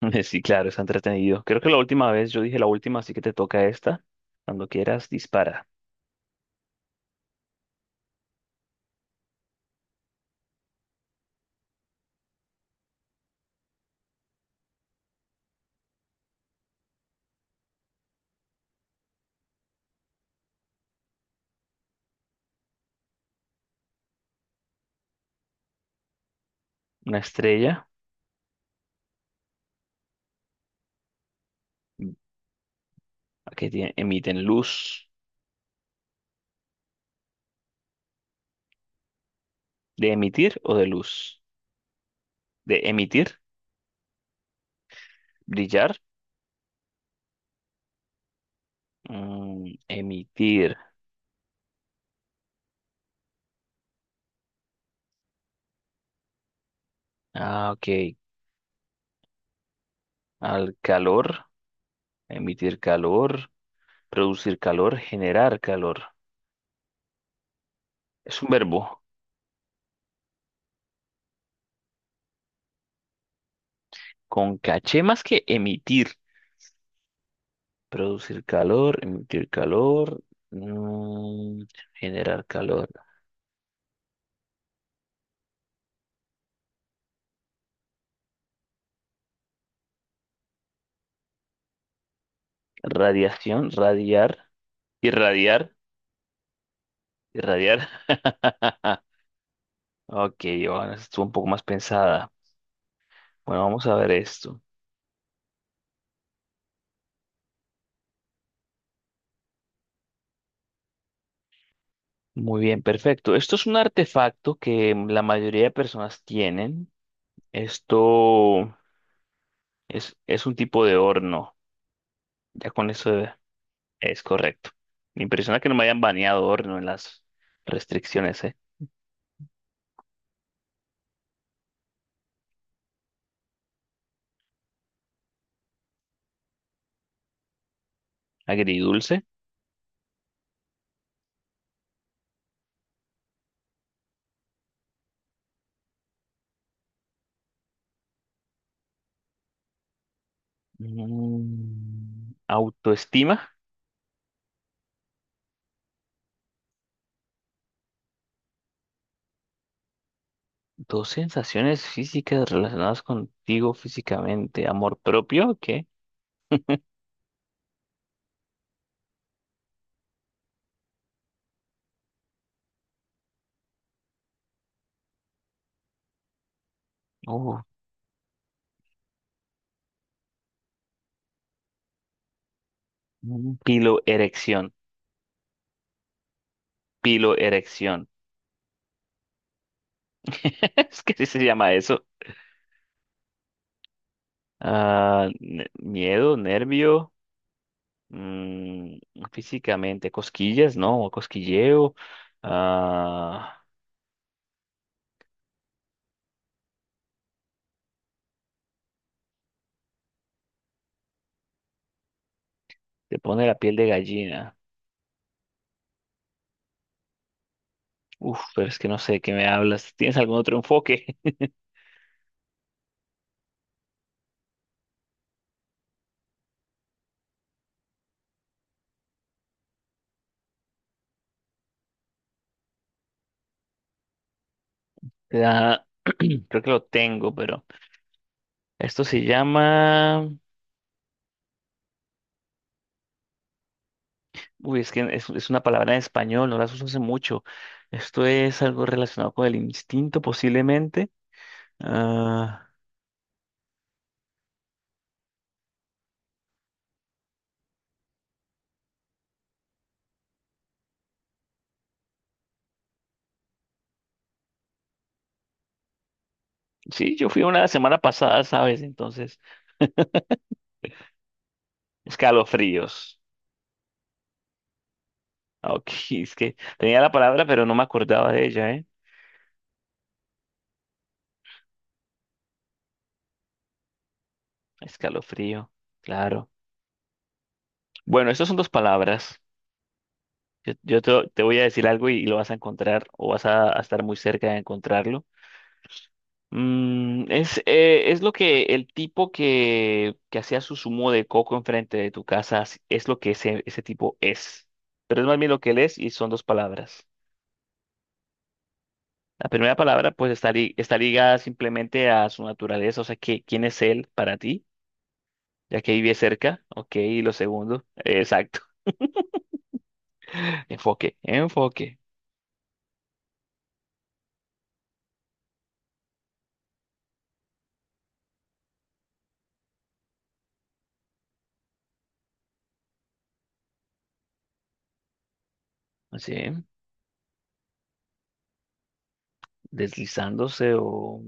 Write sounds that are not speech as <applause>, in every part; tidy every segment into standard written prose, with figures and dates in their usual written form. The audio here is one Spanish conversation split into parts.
<laughs> Sí, claro, está entretenido. Creo que la última vez, yo dije la última, así que te toca esta. Cuando quieras, dispara. Una estrella. mm, que emiten luz. ¿De emitir o de luz? De emitir, brillar. Emitir. Ah, ok. Al calor, emitir calor, producir calor, generar calor. Es un verbo con caché más que emitir. Producir calor, emitir calor, mm, generar calor. Radiación, radiar, irradiar, irradiar. <laughs> Ok, bueno, esta estuvo un poco más pensada. Bueno, vamos a ver esto. Muy bien, perfecto. Esto es un artefacto que la mayoría de personas tienen. Esto es un tipo de horno. Ya con eso es correcto. Me impresiona que no me hayan baneado horno en las restricciones, ¿eh? Agridulce. Autoestima. Dos sensaciones físicas relacionadas contigo físicamente. ¿Amor propio? ¿Qué? Oh, piloerección. Piloerección. <laughs> Es que sí se llama eso. Ah, miedo, nervio, mm, físicamente. Cosquillas, ¿no? Cosquilleo. Ah, te pone la piel de gallina. Uf, pero es que no sé de qué me hablas. ¿Tienes algún otro enfoque? <laughs> Te da- <clears throat> Creo que lo tengo, pero esto se llama. Uy, es que es una palabra en español, no las uso hace mucho. Esto es algo relacionado con el instinto, posiblemente. Ah, sí, yo fui una semana pasada, ¿sabes? Entonces, escalofríos. Ah, ok, <laughs> es que tenía la palabra, pero no me acordaba de ella, ¿eh? Escalofrío, claro. Bueno, estas son dos palabras. Yo te voy a decir algo y lo vas a encontrar o vas a estar muy cerca de encontrarlo. Es lo que el tipo que hacía su zumo de coco enfrente de tu casa es lo que ese tipo es. Pero es más bien lo que él es y son dos palabras. La primera palabra pues está ligada simplemente a su naturaleza, o sea, que, ¿quién es él para ti? Ya que vive cerca, ok, y lo segundo, exacto, <laughs> enfoque, enfoque, así, deslizándose o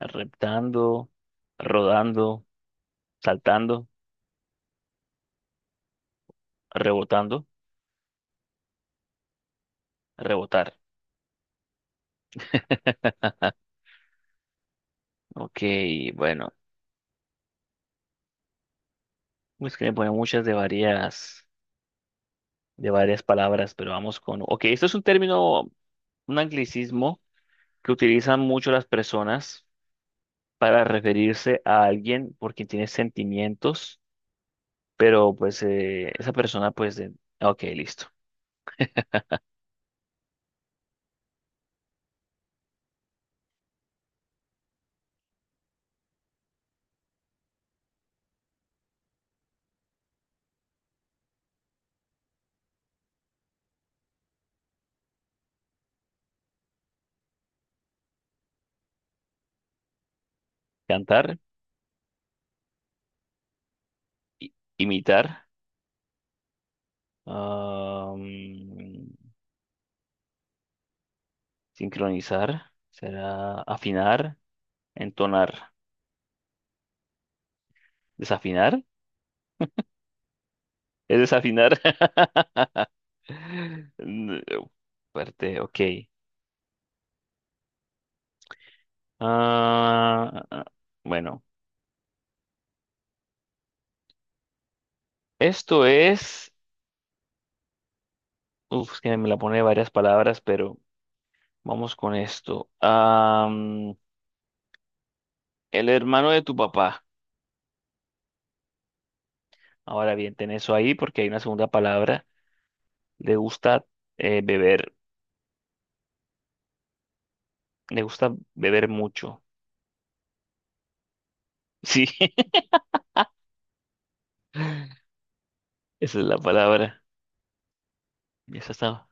reptando, rodando, saltando, rebotando, rebotar. <laughs> Ok, bueno, es que me ponen muchas de varias palabras, pero vamos con. Ok, esto es un término, un anglicismo que utilizan mucho las personas para referirse a alguien por quien tiene sentimientos, pero pues esa persona pues. Ok, listo. Cantar, imitar, am, sincronizar, será afinar, entonar, desafinar, es desafinar. <laughs> Mm, eh, Fuerte, ok. Ah, bueno, esto es. Uf, es que me la pone varias palabras, pero vamos con esto. El hermano de tu papá. Ahora bien, ten eso ahí porque hay una segunda palabra. Le gusta beber. Le gusta beber mucho. <laughs> Sí, <laughs> esa es la palabra. Ya está.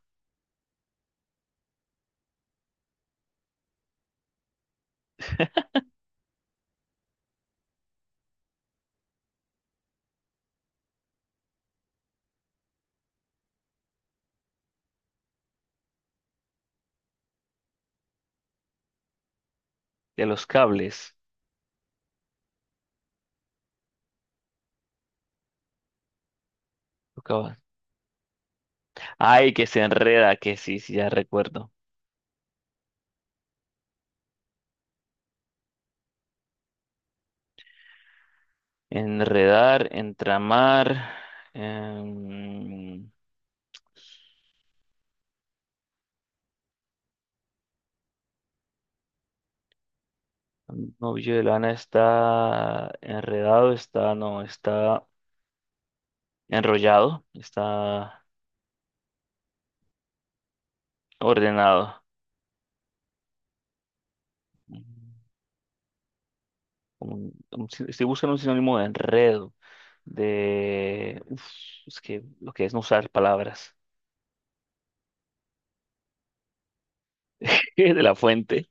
De los cables. Tocaba. Ay, que se enreda, que sí, sí, ya recuerdo. Enredar, entramar. em, Novio de lana está enredado, está, no, está enrollado, está ordenado. Mm, como un sin- estoy buscando un sinónimo de enredo, de, uf, es que lo que es no usar palabras <laughs> de la fuente.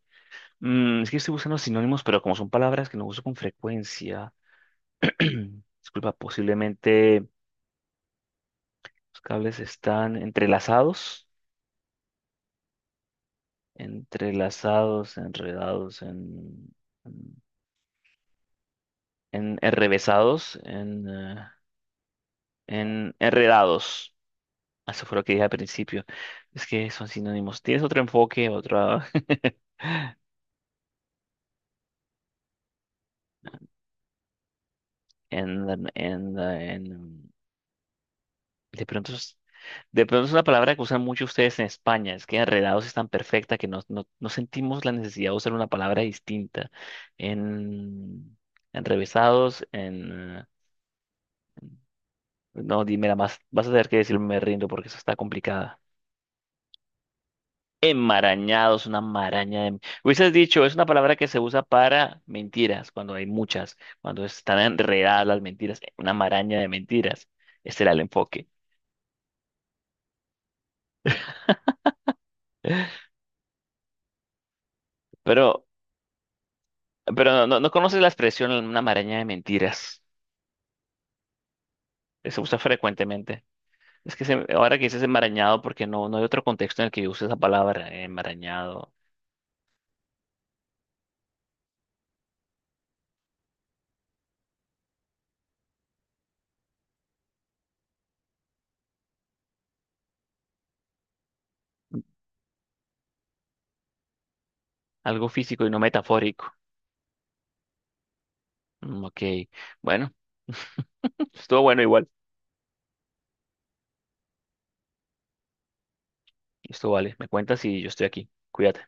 Es que estoy buscando sinónimos, pero como son palabras que no uso con frecuencia, <clears throat> disculpa, posiblemente los cables están entrelazados. Entrelazados, enredados, en, enrevesados, en enredados. Eso fue lo que dije al principio. Es que son sinónimos. Tienes otro enfoque, otra. <laughs> en, en, en- de pronto es- de pronto es una palabra que usan mucho ustedes en España. Es que enredados es tan perfecta que no, no, no sentimos la necesidad de usar una palabra distinta. En enrevesados, en. No, dime la más. Vas a tener que decirme me rindo porque eso está complicada. Enmarañado una maraña de. Hubieses dicho, es una palabra que se usa para mentiras, cuando hay muchas, cuando están enredadas las mentiras, una maraña de mentiras. Este era el enfoque. <gasps> Pero, pero no, no, no conoces la expresión una maraña de mentiras. Se usa frecuentemente. Es que ahora que dices enmarañado, porque no, no hay otro contexto en el que yo use esa palabra, enmarañado. Algo físico y no metafórico. Ok, bueno. <laughs> Estuvo bueno igual. Esto vale. Me cuentas y yo estoy aquí. Cuídate.